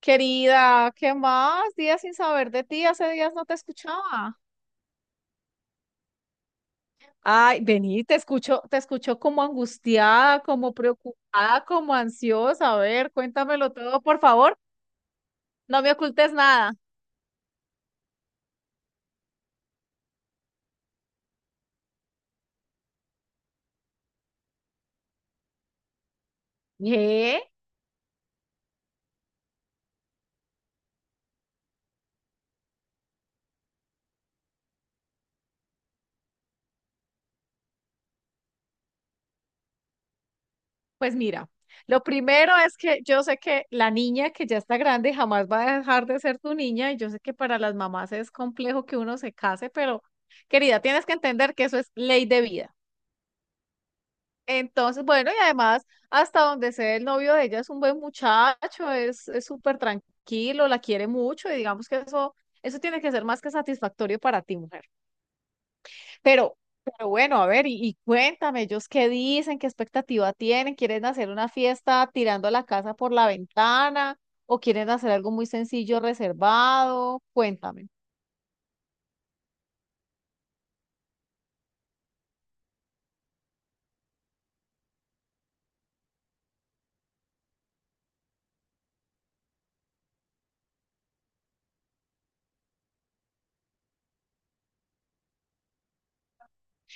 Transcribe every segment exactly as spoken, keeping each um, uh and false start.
Querida, ¿qué más? Días sin saber de ti, hace días no te escuchaba. Ay, vení, te escucho, te escucho como angustiada, como preocupada, como ansiosa. A ver, cuéntamelo todo, por favor. No me ocultes nada. ¿Eh? Pues mira, lo primero es que yo sé que la niña que ya está grande jamás va a dejar de ser tu niña y yo sé que para las mamás es complejo que uno se case, pero querida, tienes que entender que eso es ley de vida. Entonces, bueno, y además, hasta donde sé, el novio de ella es un buen muchacho, es, es súper tranquilo, la quiere mucho, y digamos que eso, eso tiene que ser más que satisfactorio para ti, mujer. Pero, pero bueno, a ver, y, y cuéntame, ellos qué dicen, qué expectativa tienen, ¿quieren hacer una fiesta tirando la casa por la ventana o quieren hacer algo muy sencillo, reservado? Cuéntame.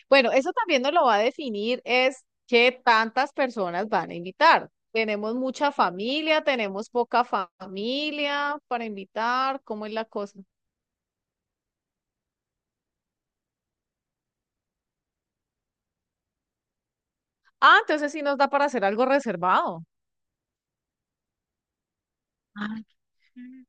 Bueno, eso también nos lo va a definir es qué tantas personas van a invitar. Tenemos mucha familia, tenemos poca fa- familia para invitar, ¿cómo es la cosa? Ah, entonces sí nos da para hacer algo reservado. Ah, mm.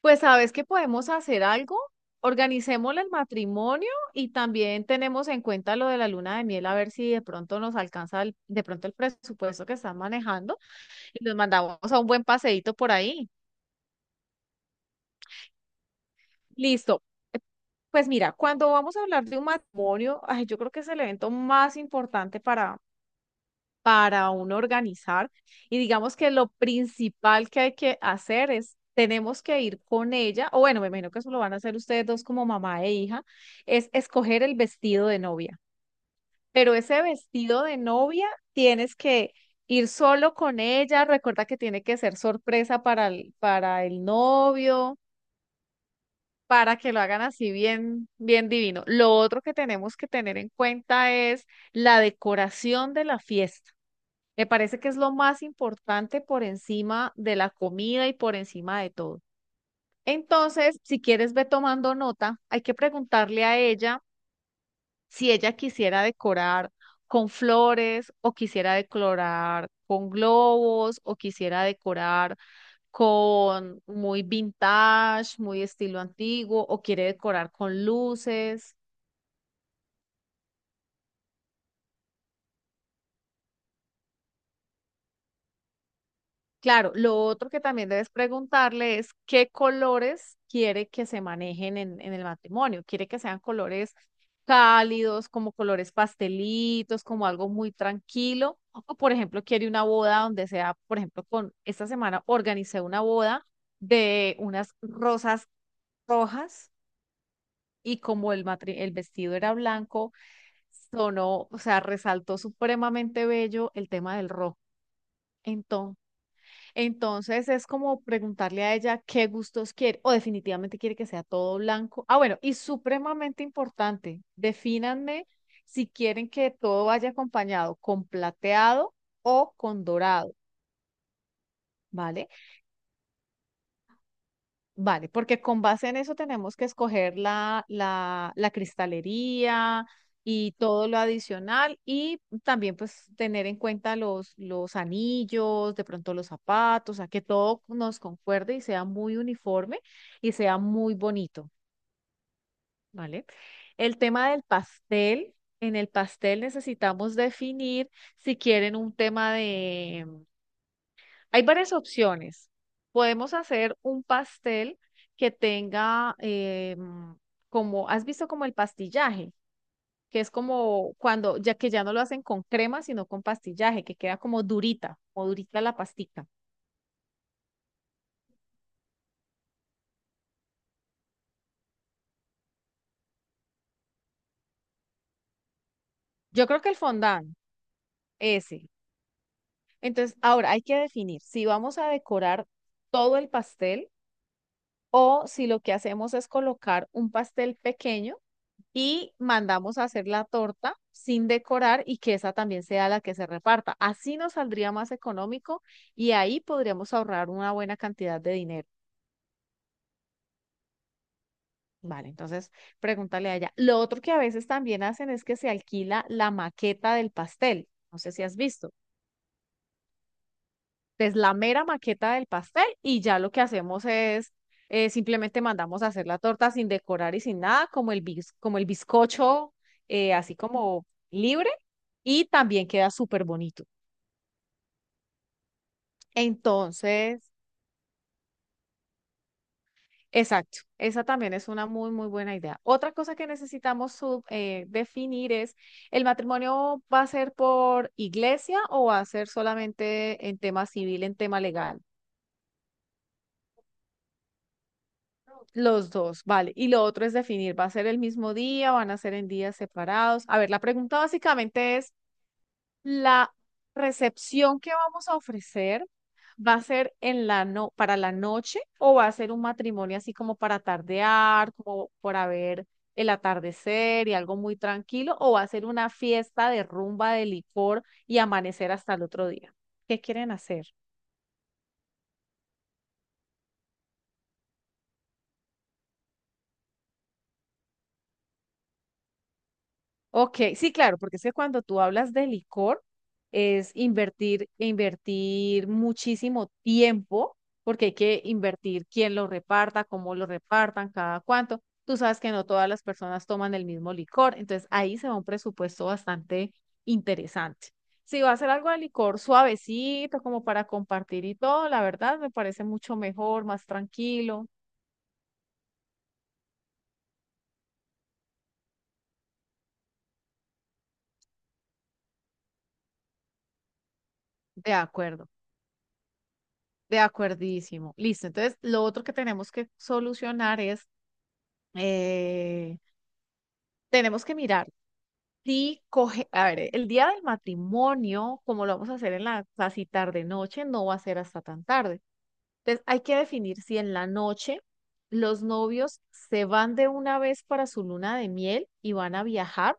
Pues sabes que podemos hacer algo, organicémosle el matrimonio y también tenemos en cuenta lo de la luna de miel, a ver si de pronto nos alcanza el- de pronto el presupuesto que están manejando y nos mandamos a un buen paseíto por ahí. Listo. Pues mira, cuando vamos a hablar de un matrimonio, ay, yo creo que es el evento más importante para, para uno organizar. Y digamos que lo principal que hay que hacer es, tenemos que ir con ella, o bueno, me imagino que eso lo van a hacer ustedes dos como mamá e hija, es escoger el vestido de novia. Pero ese vestido de novia tienes que ir solo con ella. Recuerda que tiene que ser sorpresa para el, para el novio para que lo hagan así bien, bien divino. Lo otro que tenemos que tener en cuenta es la decoración de la fiesta. Me parece que es lo más importante por encima de la comida y por encima de todo. Entonces, si quieres, ve tomando nota. Hay que preguntarle a ella si ella quisiera decorar con flores o quisiera decorar con globos o quisiera decorar con muy vintage, muy estilo antiguo, o quiere decorar con luces. Claro, lo otro que también debes preguntarle es qué colores quiere que se manejen en, en el matrimonio. Quiere que sean colores cálidos, como colores pastelitos, como algo muy tranquilo. O, por ejemplo, quiere una boda donde sea, por ejemplo, con esta semana organicé una boda de unas rosas rojas y como el, matri- el vestido era blanco sonó, o sea, resaltó supremamente bello el tema del rock. Entonces, entonces es como preguntarle a ella qué gustos quiere o definitivamente quiere que sea todo blanco. Ah, bueno, y supremamente importante, defínanme si quieren que todo vaya acompañado con plateado o con dorado, ¿vale? Vale, porque con base en eso tenemos que escoger la, la, la cristalería y todo lo adicional y también pues tener en cuenta los, los anillos, de pronto los zapatos, a que todo nos concuerde y sea muy uniforme y sea muy bonito, ¿vale? El tema del pastel, en el pastel necesitamos definir si quieren un tema hay varias opciones. Podemos hacer un pastel que tenga, eh, mm, como, ¿has visto como el pastillaje? Que es como cuando, ya que ya no lo hacen con crema, sino con pastillaje, que queda como durita, como durita la pastica. Yo creo que el fondant, ese. Entonces, ahora hay que definir si vamos a decorar todo el pastel o si lo que hacemos es colocar un pastel pequeño y mandamos a hacer la torta sin decorar y que esa también sea la que se reparta. Así nos saldría más económico y ahí podríamos ahorrar una buena cantidad de dinero. Vale, entonces pregúntale a ella. Lo otro que a veces también hacen es que se alquila la maqueta del pastel. No sé si has visto. Es la mera maqueta del pastel y ya lo que hacemos es eh, simplemente mandamos a hacer la torta sin decorar y sin nada, como el, bis- como el bizcocho, eh, así como libre, y también queda súper bonito. Entonces, exacto, esa también es una muy, muy buena idea. Otra cosa que necesitamos sub- eh, definir es, ¿el matrimonio va a ser por iglesia o va a ser solamente en tema civil, en tema legal? Los dos, vale. Y lo otro es definir, ¿va a ser el mismo día? ¿Van a ser en días separados? A ver, la pregunta básicamente es, ¿la recepción que vamos a ofrecer va a ser en la no para la noche o va a ser un matrimonio así como para tardear, como para ver el atardecer y algo muy tranquilo o va a ser una fiesta de rumba de licor y amanecer hasta el otro día? ¿Qué quieren hacer? Ok, sí, claro, porque es que cuando tú hablas de licor es invertir, invertir muchísimo tiempo, porque hay que invertir quién lo reparta, cómo lo repartan, cada cuánto. Tú sabes que no todas las personas toman el mismo licor, entonces ahí se va un presupuesto bastante interesante. Si va a ser algo de licor suavecito, como para compartir y todo, la verdad me parece mucho mejor, más tranquilo. De acuerdo, de acuerdísimo. Listo, entonces lo otro que tenemos que solucionar es Eh, tenemos que mirar si coge, a ver, el día del matrimonio, como lo vamos a hacer en la casi tarde noche, no va a ser hasta tan tarde. Entonces, hay que definir si en la noche los novios se van de una vez para su luna de miel y van a viajar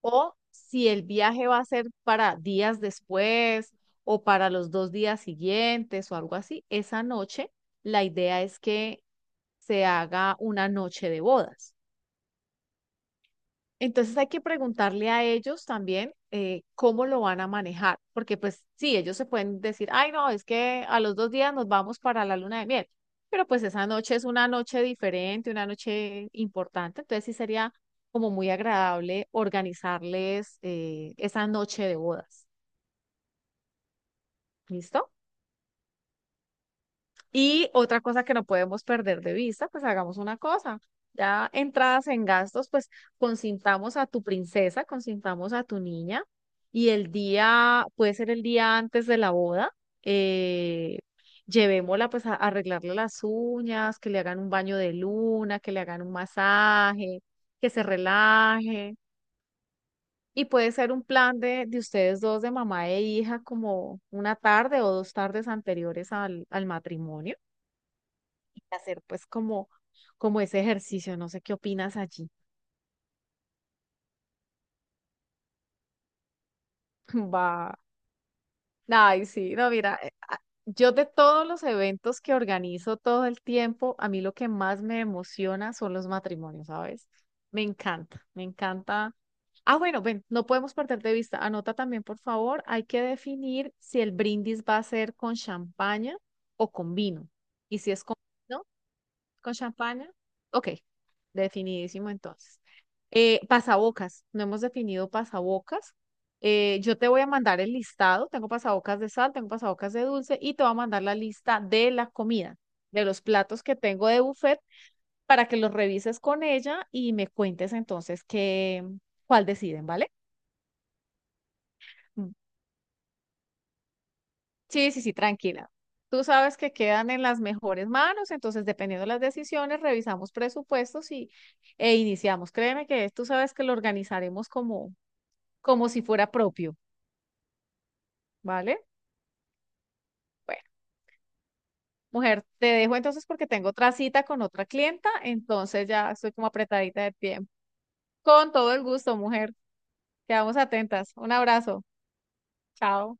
o si el viaje va a ser para días después o para los dos días siguientes o algo así. Esa noche, la idea es que se haga una noche de bodas. Entonces hay que preguntarle a ellos también eh, cómo lo van a manejar, porque pues sí, ellos se pueden decir, ay no, es que a los dos días nos vamos para la luna de miel, pero pues esa noche es una noche diferente, una noche importante, entonces sí sería como muy agradable organizarles eh, esa noche de bodas. ¿Listo? Y otra cosa que no podemos perder de vista, pues hagamos una cosa. Ya entradas en gastos, pues consintamos a tu princesa, consintamos a tu niña y el día, puede ser el día antes de la boda, eh, llevémosla pues a a arreglarle las uñas, que le hagan un baño de luna, que le hagan un masaje, que se relaje. Y puede ser un plan de, de ustedes dos, de mamá e hija, como una tarde o dos tardes anteriores al, al matrimonio hacer pues como, como ese ejercicio, no sé qué opinas allí. Va. Ay, sí, no, mira, eh, a- yo de todos los eventos que organizo todo el tiempo, a mí lo que más me emociona son los matrimonios, ¿sabes? Me encanta, me encanta. Ah, bueno, ven, no podemos perder de vista. Anota también, por favor, hay que definir si el brindis va a ser con champaña o con vino. Y si es con vino, ¿con champaña? Ok, definidísimo entonces. Eh, pasabocas, no hemos definido pasabocas. Eh, yo te voy a mandar el listado, tengo pasabocas de sal, tengo pasabocas de dulce y te voy a mandar la lista de la comida, de los platos que tengo de buffet para que los revises con ella y me cuentes entonces qué, cuál deciden, ¿vale? Mm. Sí, sí, sí, tranquila. Tú sabes que quedan en las mejores manos, entonces dependiendo de las decisiones, revisamos presupuestos y, e iniciamos. Créeme que tú sabes que lo organizaremos como, como si fuera propio, ¿vale? Bueno, mujer, te dejo entonces porque tengo otra cita con otra clienta, entonces ya estoy como apretadita de tiempo. Con todo el gusto, mujer. Quedamos atentas. Un abrazo. Chao.